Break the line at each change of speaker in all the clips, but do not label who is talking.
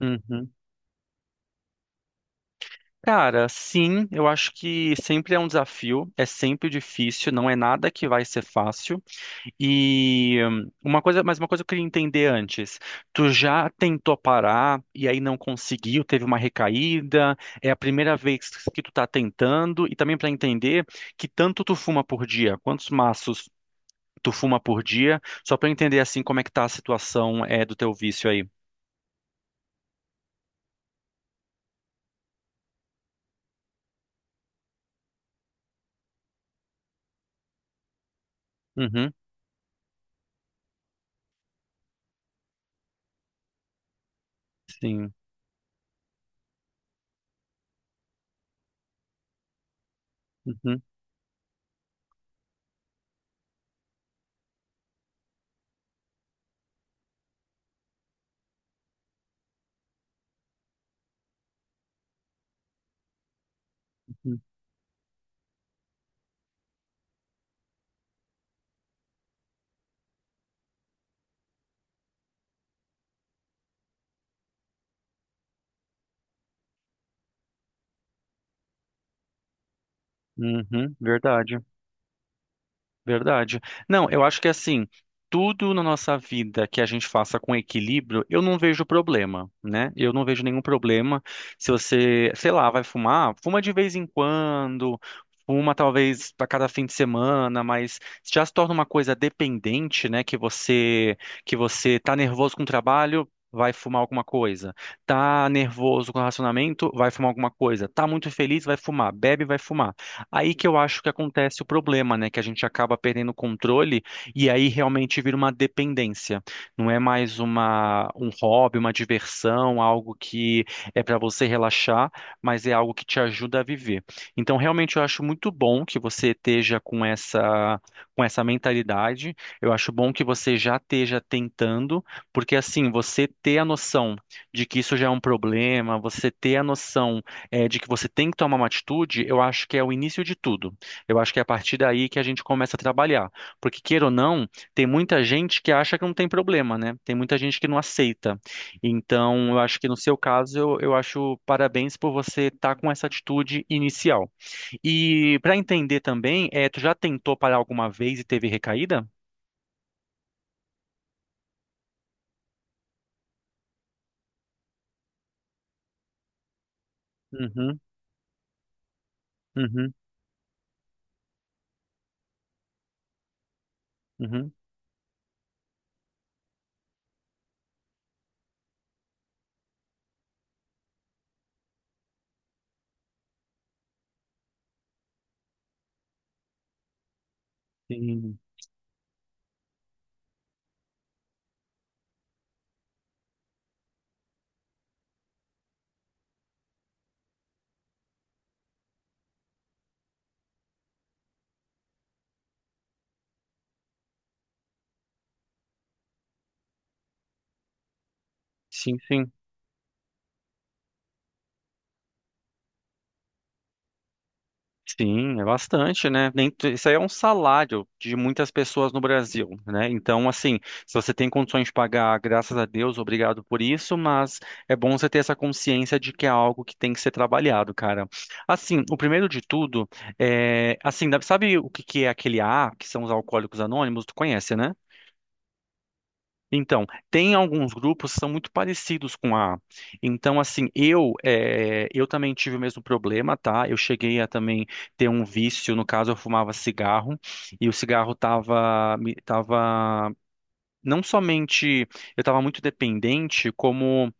Uhum. Cara, sim, eu acho que sempre é um desafio, é sempre difícil, não é nada que vai ser fácil. E uma coisa que eu queria entender antes. Tu já tentou parar e aí não conseguiu, teve uma recaída, é a primeira vez que tu tá tentando, e também para entender que tanto tu fuma por dia, quantos maços tu fuma por dia, só para entender assim como é que tá a situação do teu vício aí. Uhum, sim. Uhum, uhum, uhum, uhum, verdade. Verdade. Não, eu acho que assim, tudo na nossa vida que a gente faça com equilíbrio, eu não vejo problema, né? Eu não vejo nenhum problema se você, sei lá, vai fumar, fuma de vez em quando, fuma talvez a cada fim de semana, mas já se torna uma coisa dependente, né? Que você tá nervoso com o trabalho, vai fumar alguma coisa. Tá nervoso com o relacionamento, vai fumar alguma coisa. Tá muito feliz, vai fumar. Bebe, vai fumar. Aí que eu acho que acontece o problema, né? Que a gente acaba perdendo o controle e aí realmente vira uma dependência. Não é mais um hobby, uma diversão, algo que é para você relaxar, mas é algo que te ajuda a viver. Então, realmente, eu acho muito bom que você esteja com essa mentalidade. Eu acho bom que você já esteja tentando, porque assim, você ter a noção de que isso já é um problema, você ter a noção de que você tem que tomar uma atitude, eu acho que é o início de tudo. Eu acho que é a partir daí que a gente começa a trabalhar. Porque, queira ou não, tem muita gente que acha que não tem problema, né? Tem muita gente que não aceita. Então, eu acho que no seu caso, eu acho parabéns por você estar com essa atitude inicial. E para entender também, tu já tentou parar alguma vez e teve recaída? Uhum, uhum, uhum. Sim, sim, sim. Sim, é bastante, né? Nem, tu- Isso aí é um salário de muitas pessoas no Brasil, né? Então, assim, se você tem condições de pagar, graças a Deus, obrigado por isso, mas é bom você ter essa consciência de que é algo que tem que ser trabalhado, cara. Assim, o primeiro de tudo é, assim, sabe o que que é aquele A, que são os alcoólicos anônimos? Tu conhece, né? Então, tem alguns grupos que são muito parecidos com a. Então, assim, eu também tive o mesmo problema, tá? Eu cheguei a também ter um vício, no caso, eu fumava cigarro e o cigarro tava me- tava não somente eu estava muito dependente, como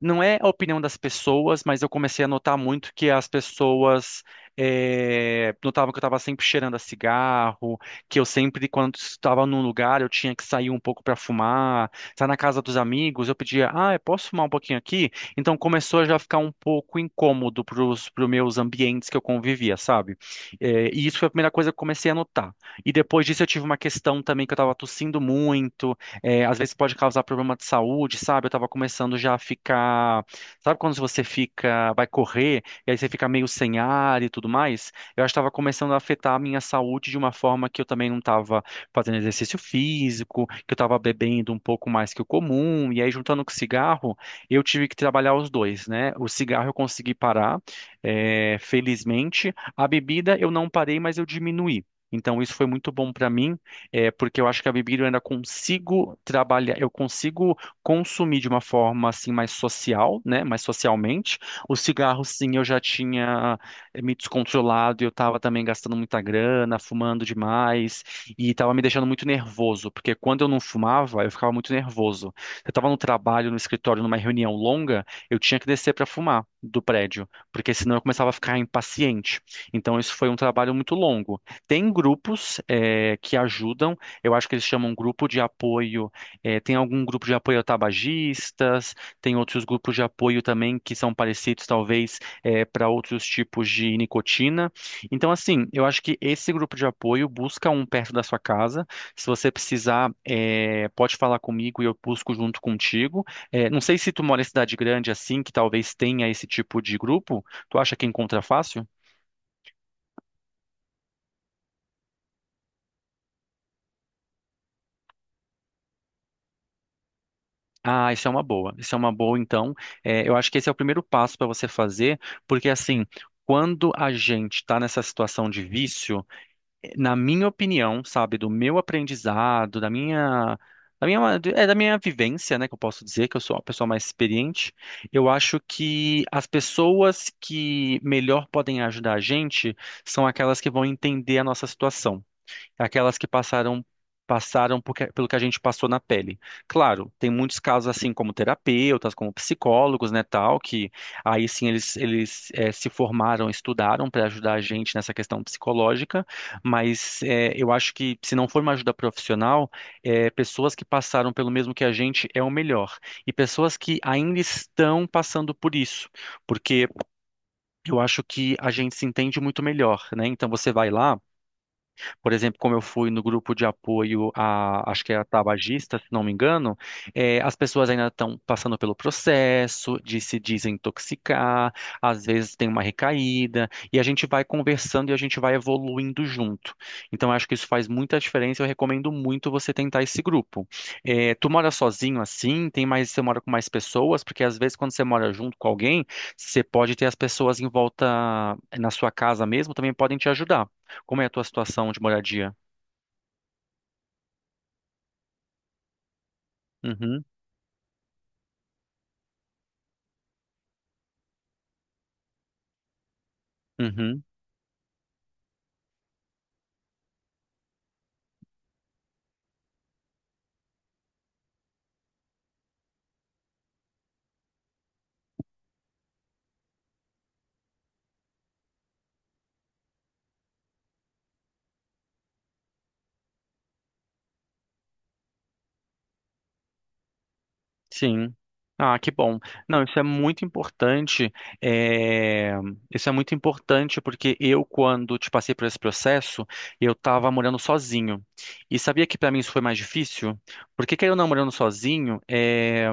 não é a opinião das pessoas, mas eu comecei a notar muito que as pessoas notavam que eu estava sempre cheirando a cigarro, que eu sempre, quando estava num lugar, eu tinha que sair um pouco para fumar. Estar na casa dos amigos, eu pedia, ah, eu posso fumar um pouquinho aqui? Então começou a já ficar um pouco incômodo para os meus ambientes que eu convivia, sabe? E isso foi a primeira coisa que eu comecei a notar. E depois disso eu tive uma questão também que eu estava tossindo muito. É, às vezes pode causar problema de saúde, sabe? Eu tava começando já a ficar. Sabe quando você fica, vai correr e aí você fica meio sem ar e tudo mais? Eu acho que tava começando a afetar a minha saúde de uma forma que eu também não tava fazendo exercício físico, que eu tava bebendo um pouco mais que o comum, e aí juntando com o cigarro, eu tive que trabalhar os dois, né? O cigarro eu consegui parar, felizmente. A bebida eu não parei, mas eu diminuí. Então, isso foi muito bom para mim, porque eu acho que a bebida eu ainda consigo trabalhar, eu consigo consumir de uma forma assim mais social, né? Mais socialmente. O cigarro, sim, eu já tinha me descontrolado, e eu estava também gastando muita grana, fumando demais e estava me deixando muito nervoso, porque quando eu não fumava, eu ficava muito nervoso. Eu estava no trabalho, no escritório, numa reunião longa, eu tinha que descer para fumar do prédio, porque senão eu começava a ficar impaciente. Então isso foi um trabalho muito longo. Tem grupos que ajudam, eu acho que eles chamam grupo de apoio. Tem algum grupo de apoio a tabagistas, tem outros grupos de apoio também que são parecidos, talvez, para outros tipos de nicotina. Então, assim, eu acho que esse grupo de apoio busca um perto da sua casa. Se você precisar, pode falar comigo e eu busco junto contigo. Não sei se tu mora em cidade grande assim, que talvez tenha esse tipo de grupo. Tu acha que encontra fácil? Ah, isso é uma boa. Isso é uma boa, então. É, eu acho que esse é o primeiro passo para você fazer, porque assim, quando a gente está nessa situação de vício, na minha opinião, sabe, do meu aprendizado, da minha, da minha vivência, né, que eu posso dizer que eu sou uma pessoa mais experiente, eu acho que as pessoas que melhor podem ajudar a gente são aquelas que vão entender a nossa situação, aquelas que passaram, pelo que a gente passou na pele. Claro, tem muitos casos assim como terapeutas, como psicólogos, né, tal, que aí sim eles se formaram, estudaram para ajudar a gente nessa questão psicológica, mas eu acho que se não for uma ajuda profissional, pessoas que passaram pelo mesmo que a gente é o melhor, e pessoas que ainda estão passando por isso, porque eu acho que a gente se entende muito melhor, né? Então você vai lá, por exemplo, como eu fui no grupo de apoio a, acho que é tabagista, se não me engano, as pessoas ainda estão passando pelo processo de se desintoxicar, às vezes tem uma recaída, e a gente vai conversando e a gente vai evoluindo junto. Então, eu acho que isso faz muita diferença. Eu recomendo muito você tentar esse grupo. Tu mora sozinho assim? Você mora com mais pessoas? Porque às vezes quando você mora junto com alguém, você pode ter as pessoas em volta na sua casa mesmo, também podem te ajudar. Como é a tua situação de moradia? Uhum, uhum, sim. Ah, que bom. Não, isso é muito importante. é, Isso é muito importante porque eu, quando te passei por esse processo, eu estava morando sozinho. E sabia que para mim isso foi mais difícil? Porque querendo ou não, morando sozinho,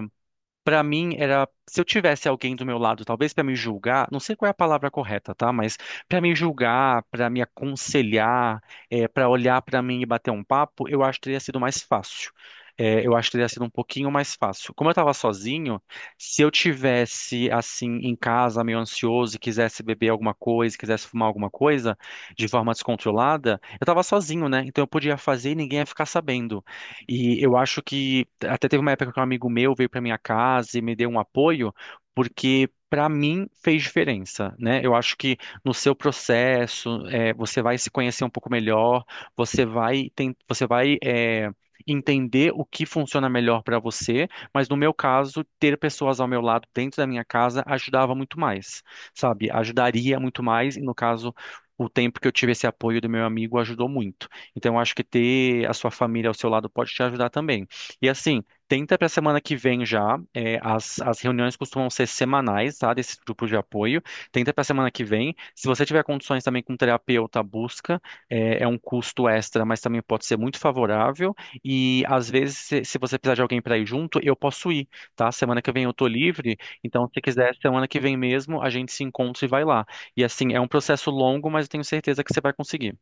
pra mim era, se eu tivesse alguém do meu lado, talvez pra me julgar, não sei qual é a palavra correta, tá? Mas pra me julgar, pra me aconselhar, para olhar pra mim e bater um papo, eu acho que teria sido mais fácil. É, eu acho que teria sido um pouquinho mais fácil. Como eu tava sozinho, se eu tivesse assim em casa, meio ansioso, e quisesse beber alguma coisa, quisesse fumar alguma coisa de forma descontrolada, eu tava sozinho, né? Então eu podia fazer e ninguém ia ficar sabendo. E eu acho que até teve uma época que um amigo meu veio para minha casa e me deu um apoio, porque para mim fez diferença, né? Eu acho que no seu processo, você vai se conhecer um pouco melhor, você vai entender o que funciona melhor para você, mas no meu caso, ter pessoas ao meu lado dentro da minha casa ajudava muito mais, sabe? Ajudaria muito mais, e no caso, o tempo que eu tive esse apoio do meu amigo ajudou muito. Então, acho que ter a sua família ao seu lado pode te ajudar também. E assim, tenta para a semana que vem já. As reuniões costumam ser semanais, tá? Desses grupos de apoio. Tenta para a semana que vem. Se você tiver condições também com um terapeuta, busca. É, é um custo extra, mas também pode ser muito favorável. E às vezes, se você precisar de alguém para ir junto, eu posso ir, tá? Semana que vem eu tô livre. Então, se quiser, semana que vem mesmo, a gente se encontra e vai lá. E assim, é um processo longo, mas eu tenho certeza que você vai conseguir.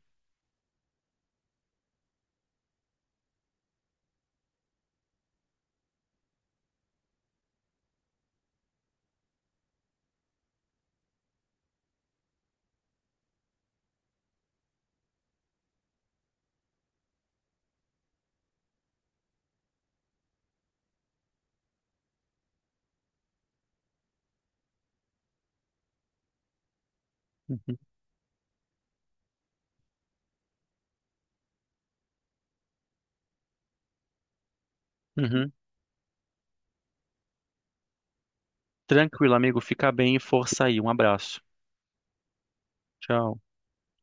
Uhum. Uhum. Tranquilo, amigo. Fica bem e força aí. Um abraço. Tchau.